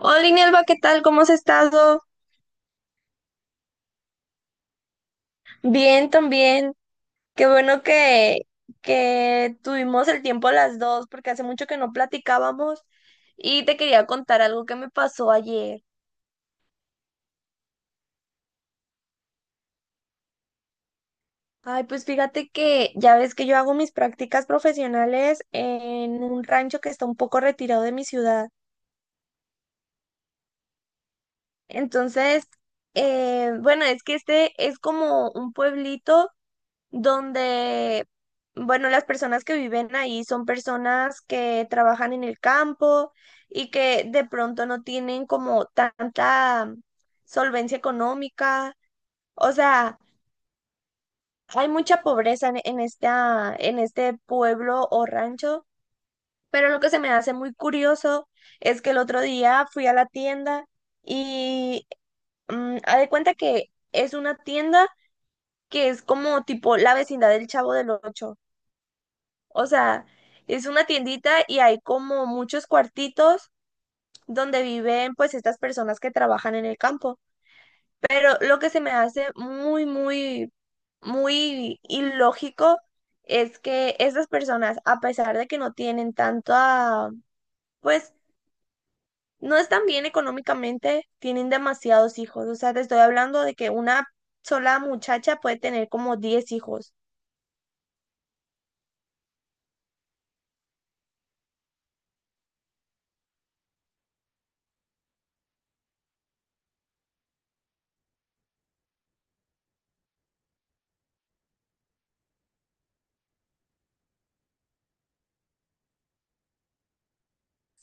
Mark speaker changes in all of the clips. Speaker 1: Hola, Inelva, ¿qué tal? ¿Cómo has estado? Bien, también. Qué bueno que tuvimos el tiempo las dos, porque hace mucho que no platicábamos y te quería contar algo que me pasó ayer. Ay, pues fíjate que ya ves que yo hago mis prácticas profesionales en un rancho que está un poco retirado de mi ciudad. Entonces, bueno, es que este es como un pueblito donde, bueno, las personas que viven ahí son personas que trabajan en el campo y que de pronto no tienen como tanta solvencia económica. O sea, hay mucha pobreza en esta, en este pueblo o rancho, pero lo que se me hace muy curioso es que el otro día fui a la tienda y haz de cuenta que es una tienda que es como tipo la vecindad del Chavo del Ocho. O sea, es una tiendita y hay como muchos cuartitos donde viven pues estas personas que trabajan en el campo. Pero lo que se me hace muy, muy, muy ilógico es que estas personas, a pesar de que no tienen tanta, pues no están bien económicamente, tienen demasiados hijos. O sea, te estoy hablando de que una sola muchacha puede tener como 10 hijos.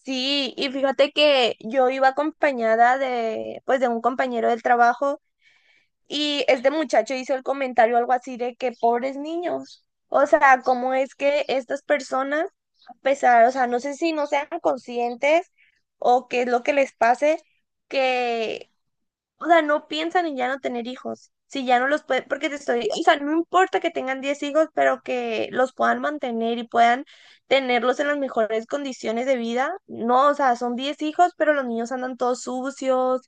Speaker 1: Sí, y fíjate que yo iba acompañada de, pues, de un compañero del trabajo y este muchacho hizo el comentario algo así de que pobres niños, o sea, cómo es que estas personas, a pesar, o sea, no sé si no sean conscientes o qué es lo que les pase, que o sea, no piensan en ya no tener hijos. Si ya no los pueden, porque te estoy, o sea, no importa que tengan 10 hijos, pero que los puedan mantener y puedan tenerlos en las mejores condiciones de vida. No, o sea, son 10 hijos, pero los niños andan todos sucios,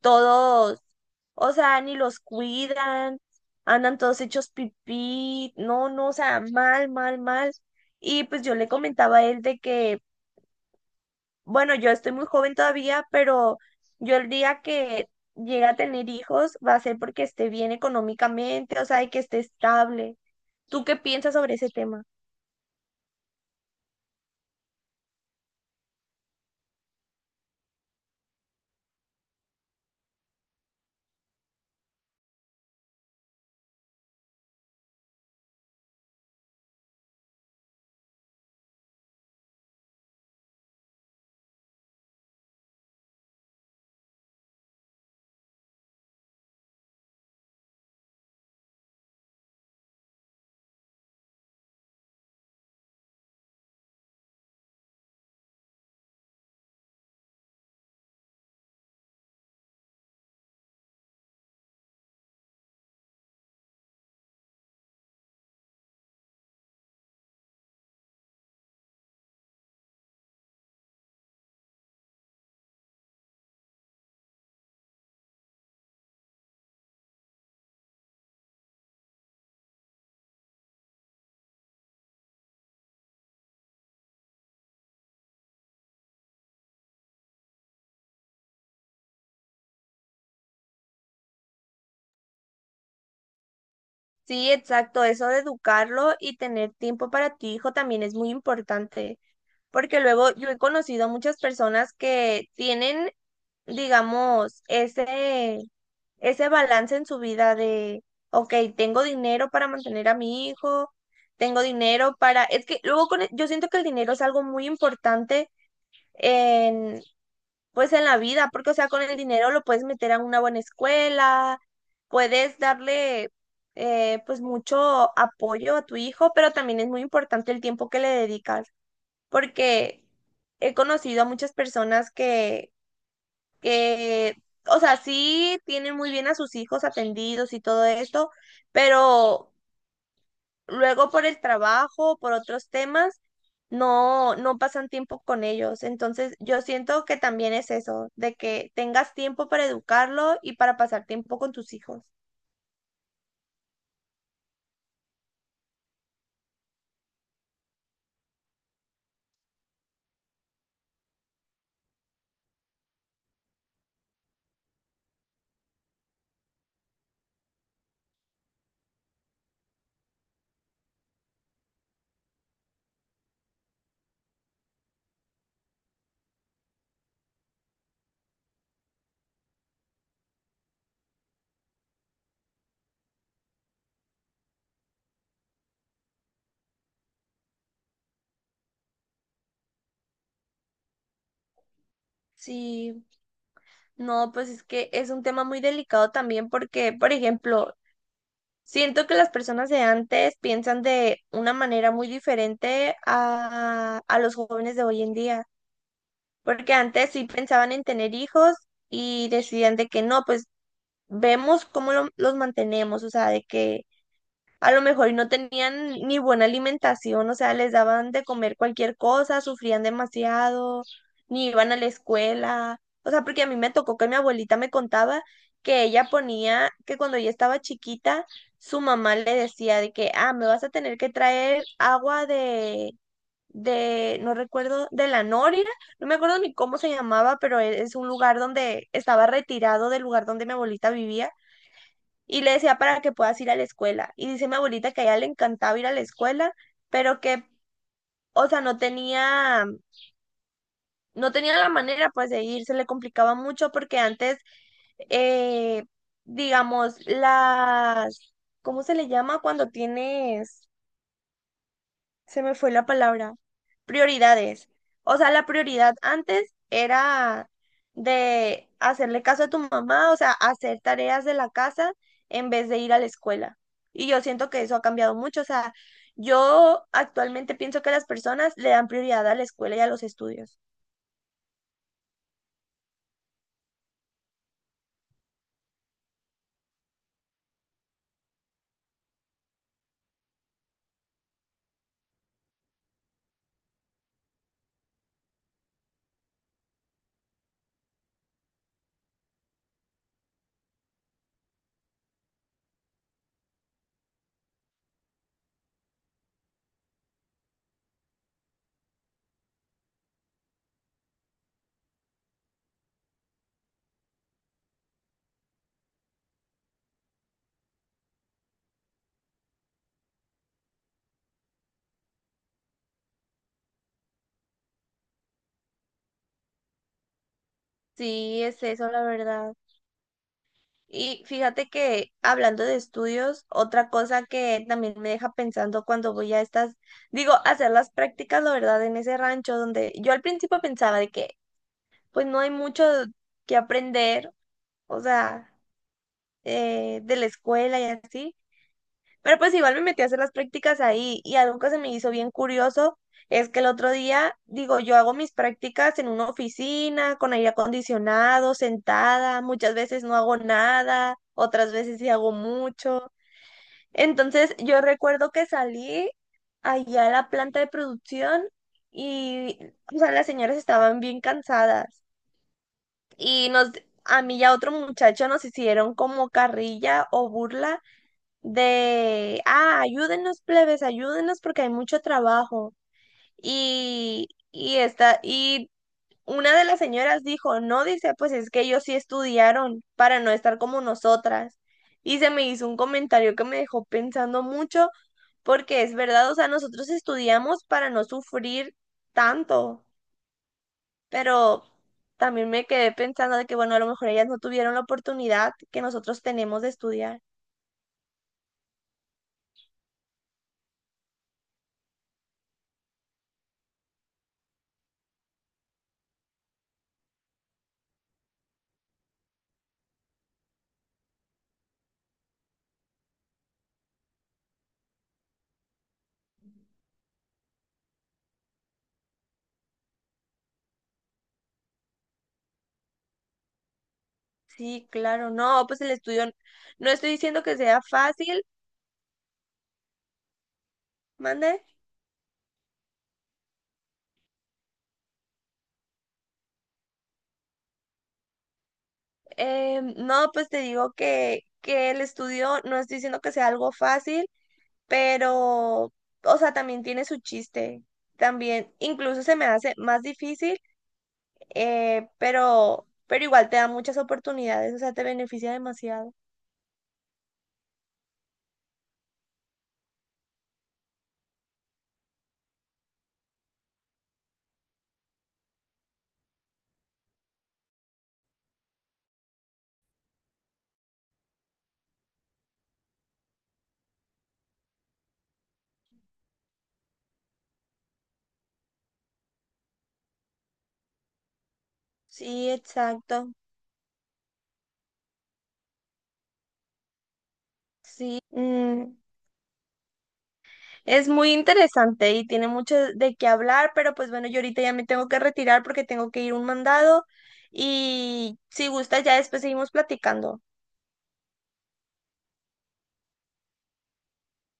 Speaker 1: todos, o sea, ni los cuidan, andan todos hechos pipí, no, no, o sea, mal, mal, mal. Y pues yo le comentaba a él de que bueno, yo estoy muy joven todavía, pero yo el día que llegue a tener hijos va a ser porque esté bien económicamente, o sea, y que esté estable. ¿Tú qué piensas sobre ese tema? Sí, exacto, eso de educarlo y tener tiempo para tu hijo también es muy importante, porque luego yo he conocido a muchas personas que tienen digamos, ese balance en su vida de, ok, tengo dinero para mantener a mi hijo, tengo dinero para, es que luego con, el- yo siento que el dinero es algo muy importante en, pues en la vida, porque o sea, con el dinero lo puedes meter a una buena escuela, puedes darle pues mucho apoyo a tu hijo, pero también es muy importante el tiempo que le dedicas, porque he conocido a muchas personas que, o sea, sí tienen muy bien a sus hijos atendidos y todo esto, pero luego por el trabajo, por otros temas, no pasan tiempo con ellos. Entonces, yo siento que también es eso, de que tengas tiempo para educarlo y para pasar tiempo con tus hijos. Sí, no, pues es que es un tema muy delicado también porque, por ejemplo, siento que las personas de antes piensan de una manera muy diferente a los jóvenes de hoy en día. Porque antes sí pensaban en tener hijos y decidían de que no, pues vemos cómo lo- los mantenemos, o sea, de que a lo mejor no tenían ni buena alimentación, o sea, les daban de comer cualquier cosa, sufrían demasiado, ni iban a la escuela, o sea, porque a mí me tocó que mi abuelita me contaba que ella ponía, que cuando ella estaba chiquita, su mamá le decía de que, ah, me vas a tener que traer agua no recuerdo, de la Nórida, no me acuerdo ni cómo se llamaba, pero e- es un lugar donde estaba retirado del lugar donde mi abuelita vivía y le decía para que puedas ir a la escuela. Y dice mi abuelita que a ella le encantaba ir a la escuela, pero que, o sea, no tenía la manera pues de ir, se le complicaba mucho porque antes, eh, digamos, las, ¿cómo se le llama cuando tienes? Se me fue la palabra, prioridades. O sea, la prioridad antes era de hacerle caso a tu mamá, o sea, hacer tareas de la casa en vez de ir a la escuela. Y yo siento que eso ha cambiado mucho. O sea, yo actualmente pienso que las personas le dan prioridad a la escuela y a los estudios. Sí, es eso, la verdad. Y fíjate que hablando de estudios, otra cosa que también me deja pensando cuando voy a estas, digo, a hacer las prácticas, la verdad, en ese rancho donde yo al principio pensaba de que pues no hay mucho que aprender, o sea, de la escuela y así, pero pues igual me metí a hacer las prácticas ahí y algo que se me hizo bien curioso es que el otro día, digo, yo hago mis prácticas en una oficina con aire acondicionado, sentada, muchas veces no hago nada, otras veces sí hago mucho. Entonces yo recuerdo que salí allá a la planta de producción y, o sea, las señoras estaban bien cansadas y nos, a mí y a otro muchacho nos hicieron como carrilla o burla de, ah, ayúdennos plebes, ayúdennos porque hay mucho trabajo. Y una de las señoras dijo, no, dice, pues es que ellos sí estudiaron para no estar como nosotras. Y se me hizo un comentario que me dejó pensando mucho, porque es verdad, o sea, nosotros estudiamos para no sufrir tanto, pero también me quedé pensando de que, bueno, a lo mejor ellas no tuvieron la oportunidad que nosotros tenemos de estudiar. Sí, claro, no, pues el estudio, no estoy diciendo que sea fácil, mande. No, pues te digo que el estudio, no estoy diciendo que sea algo fácil, pero, o sea, también tiene su chiste. También, incluso se me hace más difícil, pero igual te da muchas oportunidades, o sea, te beneficia demasiado. Sí, exacto. Sí. Es muy interesante y tiene mucho de qué hablar, pero pues bueno, yo ahorita ya me tengo que retirar porque tengo que ir a un mandado y si gusta ya después seguimos platicando.